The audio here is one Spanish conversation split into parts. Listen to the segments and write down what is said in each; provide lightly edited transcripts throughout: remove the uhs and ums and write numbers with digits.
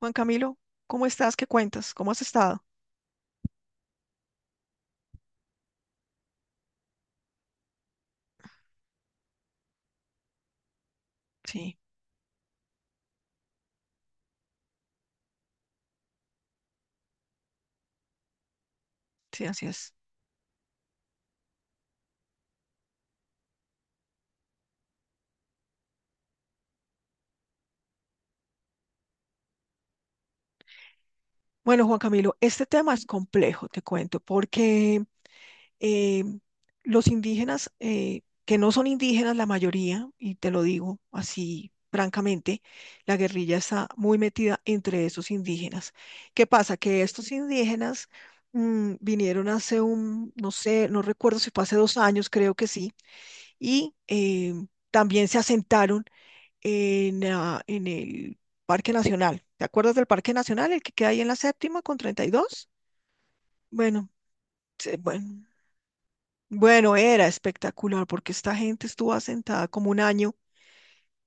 Juan Camilo, ¿cómo estás? ¿Qué cuentas? ¿Cómo has estado? Sí, sí, así es. Bueno, Juan Camilo, este tema es complejo, te cuento, porque eh, los indígenas, que no son indígenas la mayoría, y te lo digo así francamente, la guerrilla está muy metida entre esos indígenas. ¿Qué pasa? Que estos indígenas vinieron hace un, no sé, no recuerdo si fue hace 2 años, creo que sí, y también se asentaron en el Parque Nacional. ¿Te acuerdas del Parque Nacional, el que queda ahí en la séptima con 32? Bueno, se- bueno, bueno, era espectacular porque esta gente estuvo asentada como un año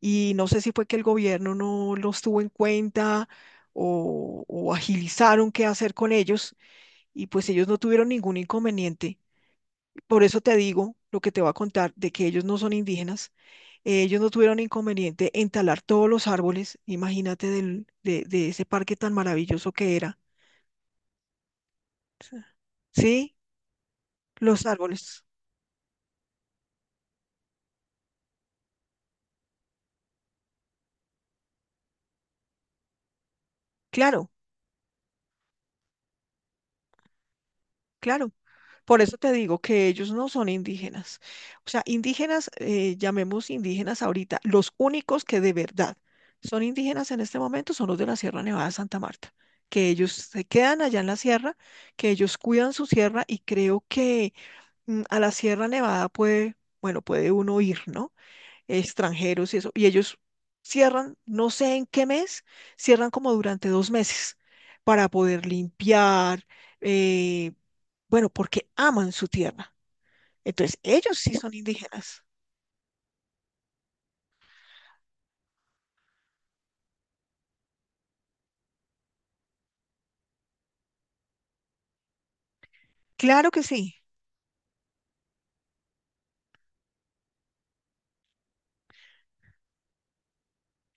y no sé si fue que el gobierno no los tuvo en cuenta o agilizaron qué hacer con ellos y pues ellos no tuvieron ningún inconveniente. Por eso te digo lo que te voy a contar de que ellos no son indígenas. Ellos no tuvieron inconveniente en talar todos los árboles, imagínate de ese parque tan maravilloso que era. Sí, sí, los árboles. Claro, claro. Por eso te digo que ellos no son indígenas. O sea, indígenas, llamemos indígenas ahorita, los únicos que de verdad son indígenas en este momento son los de la Sierra Nevada de Santa Marta, que ellos se quedan allá en la sierra, que ellos cuidan su sierra y creo que a la Sierra Nevada puede, bueno, puede uno ir, ¿no? Extranjeros y eso, y ellos cierran, no sé en qué mes, cierran como durante 2 meses para poder limpiar, eh, bueno, porque aman su tierra. Entonces, ellos sí son indígenas. Claro que sí,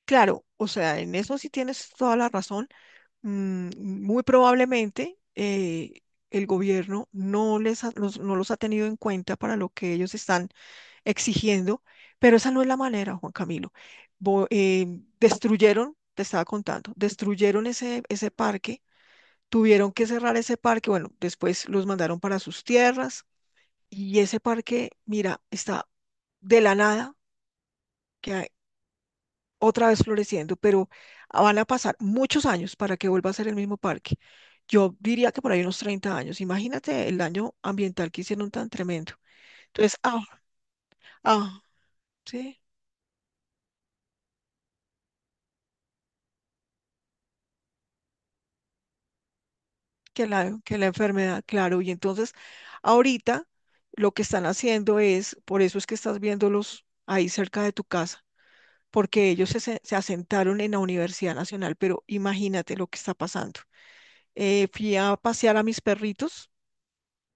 claro, o sea, en eso sí tienes toda la razón. Mm, muy probablemente el gobierno no les ha- los- no los ha tenido en cuenta para lo que ellos están exigiendo, pero esa no es la manera, Juan Camilo. Bo- eh, destruyeron, te estaba contando, destruyeron ese parque, tuvieron que cerrar ese parque, bueno, después los mandaron para sus tierras y ese parque, mira, está de la nada, que hay- otra vez floreciendo, pero van a pasar muchos años para que vuelva a ser el mismo parque. Yo diría que por ahí unos 30 años. Imagínate el daño ambiental que hicieron tan tremendo. Entonces, ah, ah, sí. Que la, que la enfermedad, claro. Y entonces, ahorita lo que están haciendo es, por eso es que estás viéndolos ahí cerca de tu casa, porque se asentaron en la Universidad Nacional, pero imagínate lo que está pasando. Fui a pasear a mis perritos,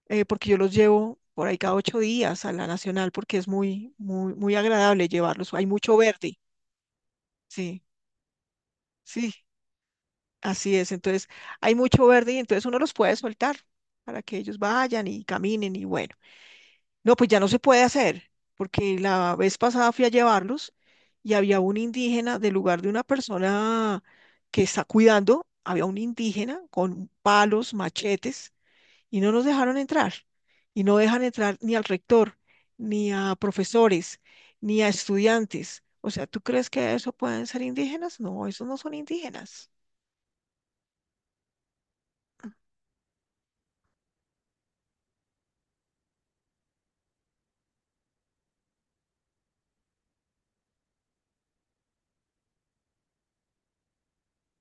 porque yo los llevo por ahí cada 8 días a la Nacional, porque es muy, muy, muy agradable llevarlos. Hay mucho verde, sí, sí, así es. Entonces, hay mucho verde y entonces uno los puede soltar para que ellos vayan y caminen y bueno. No, pues ya no se puede hacer, porque la vez pasada fui a llevarlos y había un indígena del lugar de una persona que está cuidando, había un indígena con palos, machetes, y no nos dejaron entrar. Y no dejan entrar ni al rector, ni a profesores, ni a estudiantes. O sea, ¿tú crees que eso pueden ser indígenas? No, esos no son indígenas.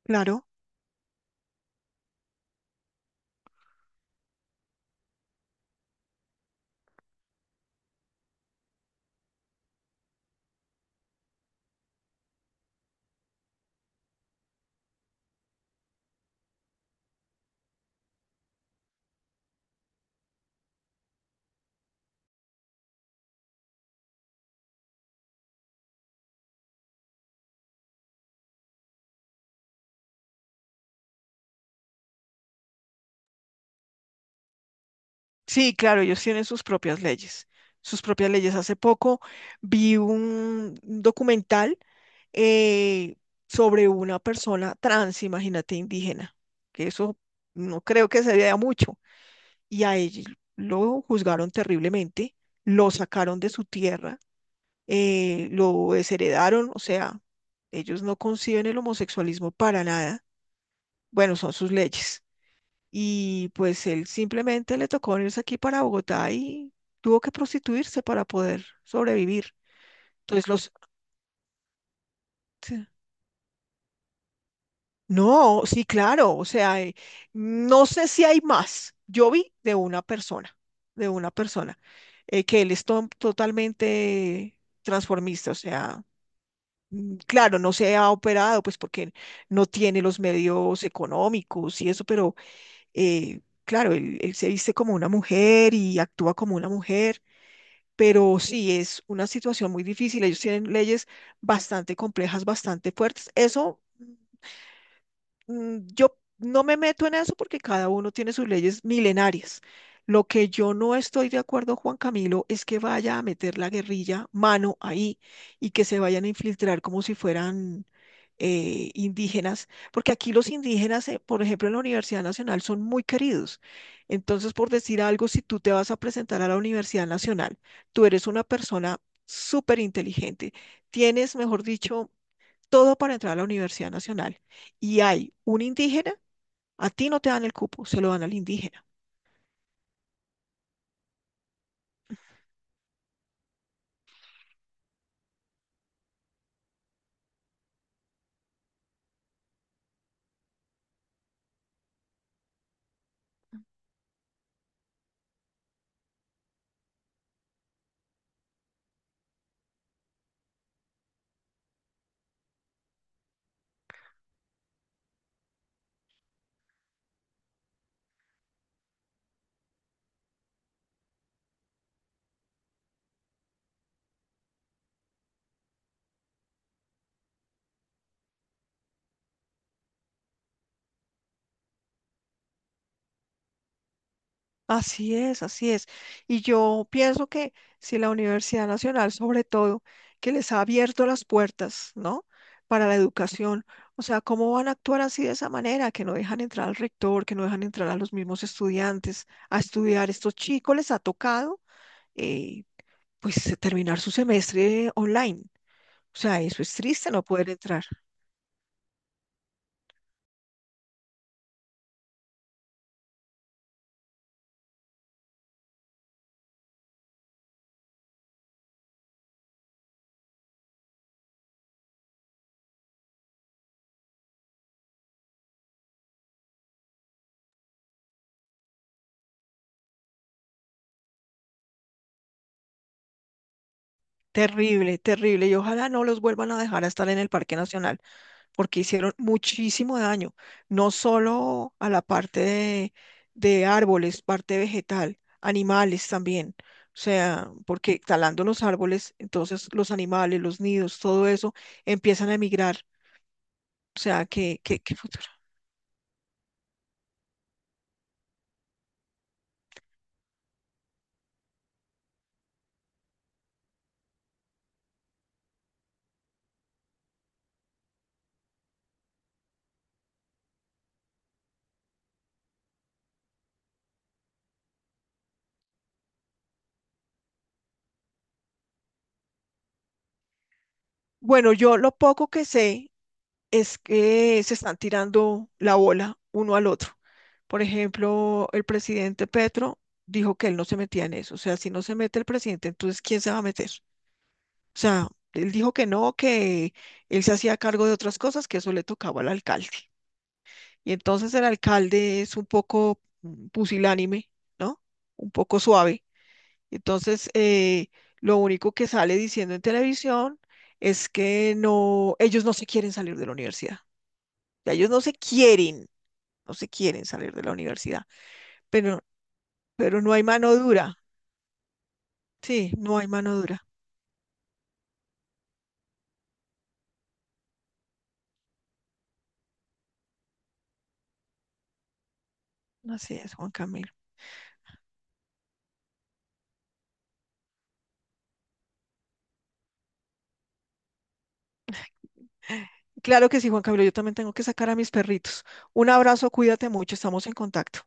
Claro. Sí, claro, ellos tienen sus propias leyes, sus propias leyes. Hace poco vi un documental eh, sobre una persona trans, imagínate, indígena, que eso no creo que se vea mucho, y a ellos lo juzgaron terriblemente, lo sacaron de su tierra, lo desheredaron, o sea, ellos no conciben el homosexualismo para nada. Bueno, son sus leyes. Y pues él simplemente le tocó venirse aquí para Bogotá y tuvo que prostituirse para poder sobrevivir. Entonces los... sí. No, sí, claro, o sea, no sé si hay más. Yo vi de una persona, de una persona, que él es totalmente transformista, o sea, claro, no se ha operado, pues porque no tiene los medios económicos y eso, pero claro, él se viste como una mujer y actúa como una mujer. Pero sí es una situación muy difícil. Ellos tienen leyes bastante complejas, bastante fuertes. Eso yo no me meto en eso porque cada uno tiene sus leyes milenarias. Lo que yo no estoy de acuerdo, Juan Camilo, es que vaya a meter la guerrilla mano ahí y que se vayan a infiltrar como si fueran indígenas, porque aquí los indígenas, por ejemplo, en la Universidad Nacional son muy queridos. Entonces, por decir algo, si tú te vas a presentar a la Universidad Nacional, tú eres una persona súper inteligente, tienes, mejor dicho, todo para entrar a la Universidad Nacional y hay un indígena, a ti no te dan el cupo, se lo dan al indígena. Así es, así es. Y yo pienso que si la Universidad Nacional, sobre todo, que les ha abierto las puertas, ¿no? Para la educación, o sea, ¿cómo van a actuar así de esa manera? Que no dejan entrar al rector, que no dejan entrar a los mismos estudiantes a estudiar. Estos chicos les ha tocado, eh, pues, terminar su semestre online. O sea, eso es triste no poder entrar. Terrible, terrible. Y ojalá no los vuelvan a dejar a estar en el Parque Nacional, porque hicieron muchísimo daño, no solo a la parte de árboles, parte vegetal, animales también. O sea, porque talando los árboles, entonces los animales, los nidos, todo eso empiezan a emigrar. O sea, ¿ qué futuro? Bueno, yo lo poco que sé es que se están tirando la bola uno al otro. Por ejemplo, el presidente Petro dijo que él no se metía en eso. O sea, si no se mete el presidente, entonces ¿quién se va a meter? O sea, él dijo que no, que él se hacía cargo de otras cosas, que eso le tocaba al alcalde. Y entonces el alcalde es un poco pusilánime, ¿no? Un poco suave. Entonces, lo único que sale diciendo en televisión es que no, ellos no se quieren salir de la universidad. Ya ellos no se quieren, no se quieren salir de la universidad, pero, pero no hay mano dura. Sí, no hay mano dura. Así es, Juan Camilo. Claro que sí, Juan Camilo, yo también tengo que sacar a mis perritos. Un abrazo, cuídate mucho, estamos en contacto.